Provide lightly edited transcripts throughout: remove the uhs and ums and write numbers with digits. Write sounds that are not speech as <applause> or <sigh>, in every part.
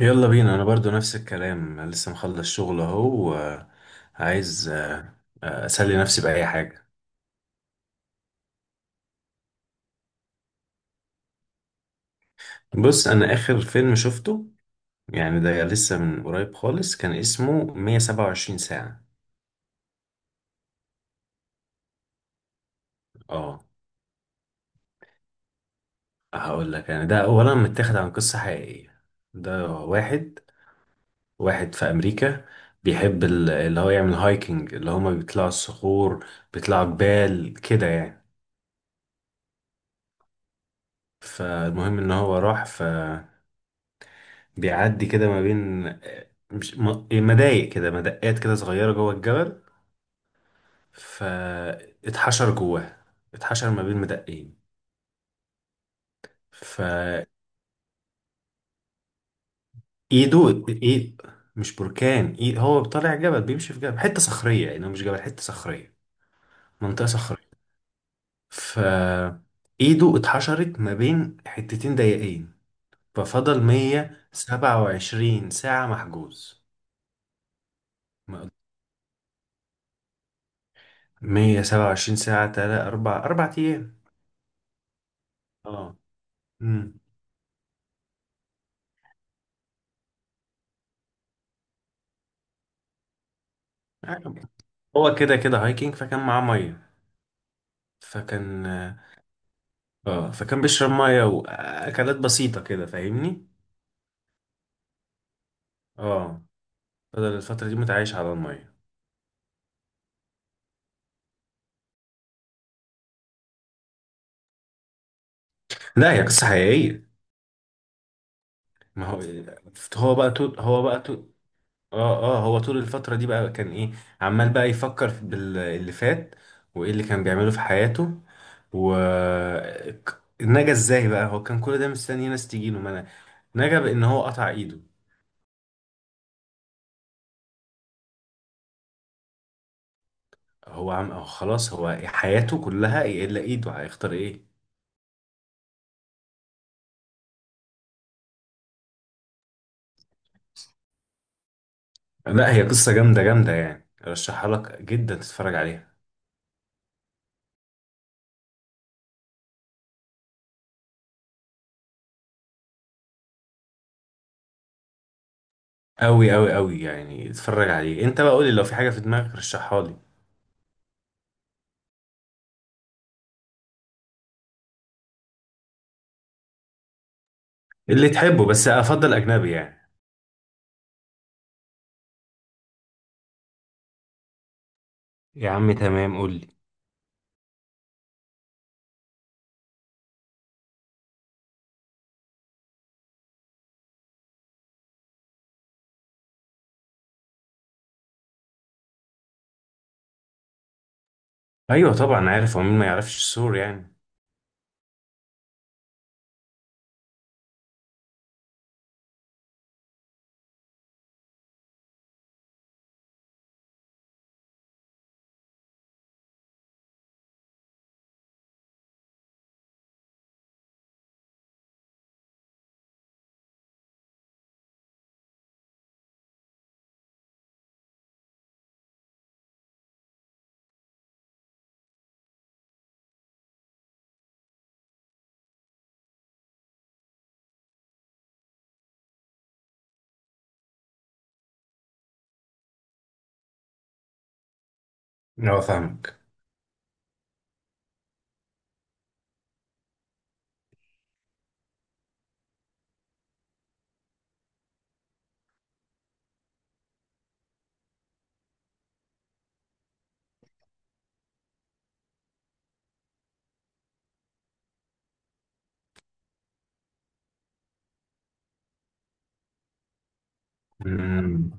يلا بينا، انا برضو نفس الكلام، لسه مخلص شغل اهو وعايز اسلي نفسي باي حاجه. بص، انا اخر فيلم شفته يعني ده لسه من قريب خالص، كان اسمه 127 ساعه. اه، هقول لك يعني ده اولا متاخد عن قصه حقيقيه. ده واحد، واحد في امريكا بيحب اللي هو يعمل هايكنج، اللي هما بيطلعوا الصخور، بيطلعوا جبال كده يعني. فالمهم ان هو راح في، بيعدي كده ما بين مش م- إيه، مضايق كده، مدقات كده صغيرة جوه الجبل. فاتحشر جواه، اتحشر ما بين مدقين، فايده ايد. مش بركان، ايد. هو طالع جبل، بيمشي في جبل، حتة صخرية، يعني هو مش جبل، حتة صخرية، منطقة صخرية. ف ايده اتحشرت ما بين حتتين ضيقين، ففضل 127 ساعة محجوز. ما- 127 ساعة تلات أربع أيام. اه. مم. هو كده كده هايكنج، فكان معاه ميه. فكان، اه، فكان بيشرب ميه واكلات بسيطه كده فاهمني. اه، فضل الفتره دي متعايش على الميه. لا، هي قصه حقيقيه. ما هو، هو بقى طول. اه هو طول الفتره دي بقى كان ايه؟ عمال بقى يفكر في باللي فات وايه اللي كان بيعمله في حياته و نجا ازاي بقى. هو كان كل ده مستني ناس تجيله، ما أنا- نجا بان هو قطع ايده. هو خلاص، هو حياته كلها الا ايده، هيختار ايه؟ لا، هي قصة جامدة جامدة يعني، ارشحها لك جدا تتفرج عليها. قوي قوي قوي يعني، اتفرج عليه انت بقى، قولي لو في حاجة في دماغك رشحها لي. اللي تحبه، بس افضل اجنبي يعني. يا عم تمام، قول لي. ايوه طبعا عارف هو مين، ما يعرفش السور يعني. اه، فاهمك. امم.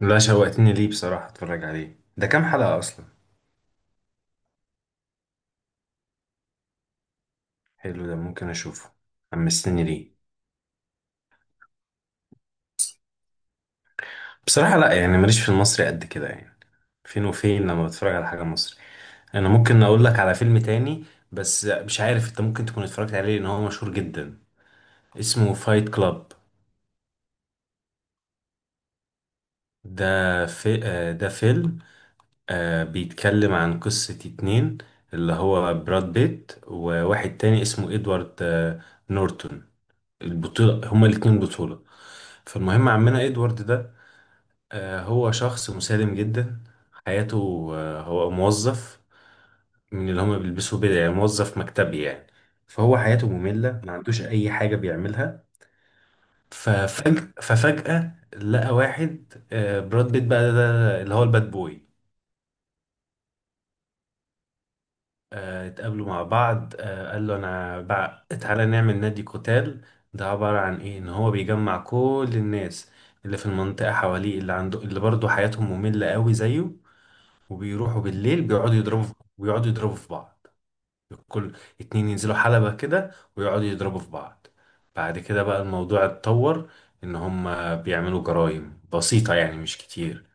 لا، شوقتني ليه بصراحة، اتفرج عليه. ده كام حلقة اصلا؟ حلو، ده ممكن اشوفه. حمستني ليه. بصراحة لا، يعني ماليش في المصري قد كده يعني، فين وفين لما بتفرج على حاجة مصري. انا ممكن اقول لك على فيلم تاني بس مش عارف، انت ممكن تكون اتفرجت عليه لان هو مشهور جدا. اسمه فايت كلاب. ده فيلم، بيتكلم عن قصة اتنين، اللي هو براد بيت وواحد تاني اسمه ادوارد نورتون. البطولة هما الاتنين بطولة. فالمهم عمنا ادوارد ده، هو شخص مسالم جدا. حياته، هو موظف من اللي هما بيلبسوا بدل، يعني موظف مكتبي يعني. فهو حياته مملة، ما عندوش أي حاجة بيعملها. ففجأة لقى واحد، براد بيت بقى، ده اللي هو الباد بوي. اتقابلوا مع بعض، قال له أنا بقى تعالى نعمل نادي قتال. ده عبارة عن إيه؟ إن هو بيجمع كل الناس اللي في المنطقة حواليه، اللي عنده، اللي برضه حياتهم مملة قوي زيه، وبيروحوا بالليل بيقعدوا يضربوا في بعض. كل اتنين ينزلوا حلبة كده ويقعدوا يضربوا في بعض. بعد كده بقى الموضوع اتطور، ان هم بيعملوا جرائم بسيطة يعني مش كتير.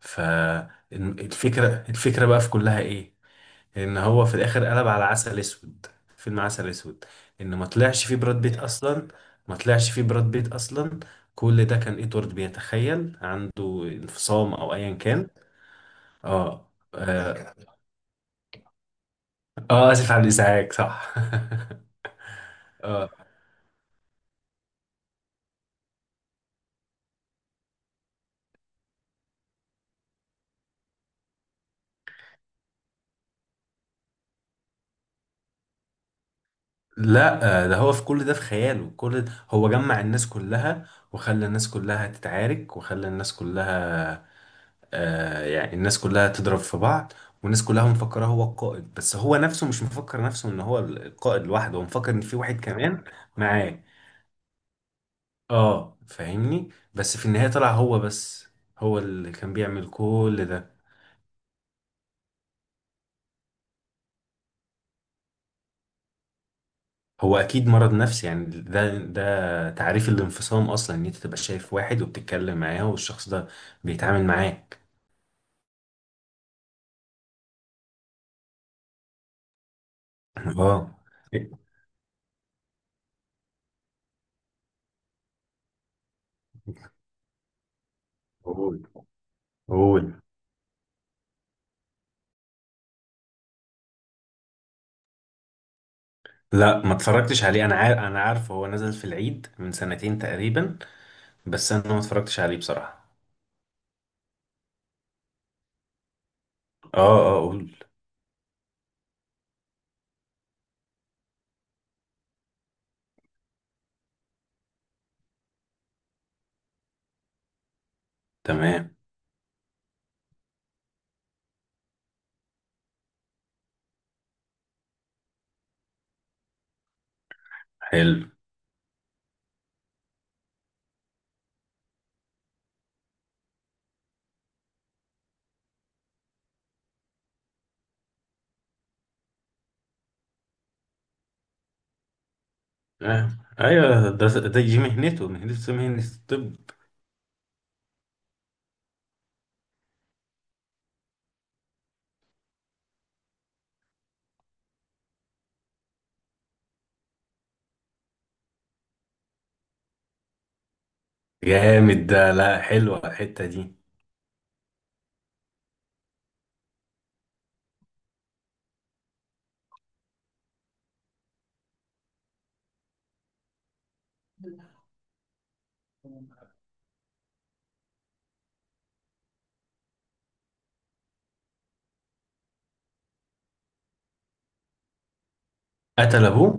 فالفكرة بقى في كلها ايه؟ ان هو في الاخر قلب على عسل اسود، فيلم عسل اسود. ان ما طلعش فيه براد بيت اصلا، ما طلعش فيه براد بيت اصلا. كل ده كان ادوارد بيتخيل، عنده انفصام او ايا كان. اه، اه اسف على الازعاج، صح. <laughs> اه. لا، ده هو في كل ده في خياله، كل ده هو جمع الناس كلها وخلى الناس كلها تتعارك وخلى الناس كلها، آه يعني الناس كلها تضرب في بعض. والناس كلها مفكره هو القائد، بس هو نفسه مش مفكر نفسه ان هو القائد لوحده، هو مفكر ان في واحد كمان معاه. اه، فاهمني. بس في النهايه طلع هو بس، هو اللي كان بيعمل كل ده. هو اكيد مرض نفسي يعني، ده تعريف الانفصام اصلا، ان انت تبقى شايف واحد وبتتكلم معاه والشخص ده بيتعامل معاك. <laughs> اه. قول قول. لا، ما اتفرجتش عليه، انا عارف، انا عارف هو نزل في العيد من سنتين تقريبا بس انا ما اتفرجتش عليه بصراحة. اه، اه قول. تمام حلو. آه. ايوه، ده دي مهنته مهنة الطب. جامد ده. لا، حلوة الحتة دي. قتل ابوه.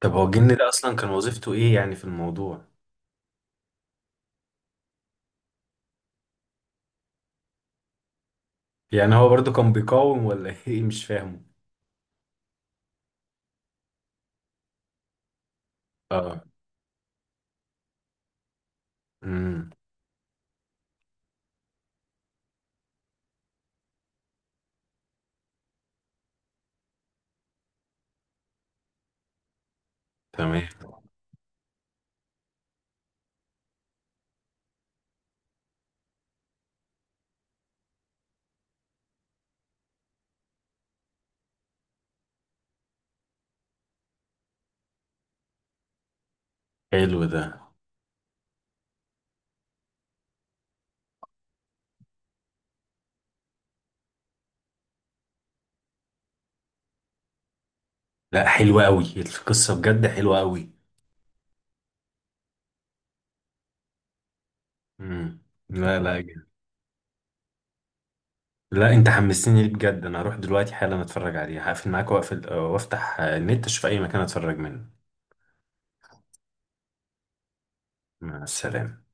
طب هو الجن ده اصلا كان وظيفته ايه يعني في الموضوع؟ يعني هو برضو كان بيقاوم ولا <laughs> ايه؟ مش فاهمه. اه. امم. تمام. حلو ده. لا، حلو قوي القصة بجد، حلوة قوي. امم. لا لا، جامد. لا، انت حمستني ليه بجد، انا هروح دلوقتي حالا اتفرج عليه، هقفل معاك واقفل وافتح النت اشوف اي مكان اتفرج منه. مع السلامة.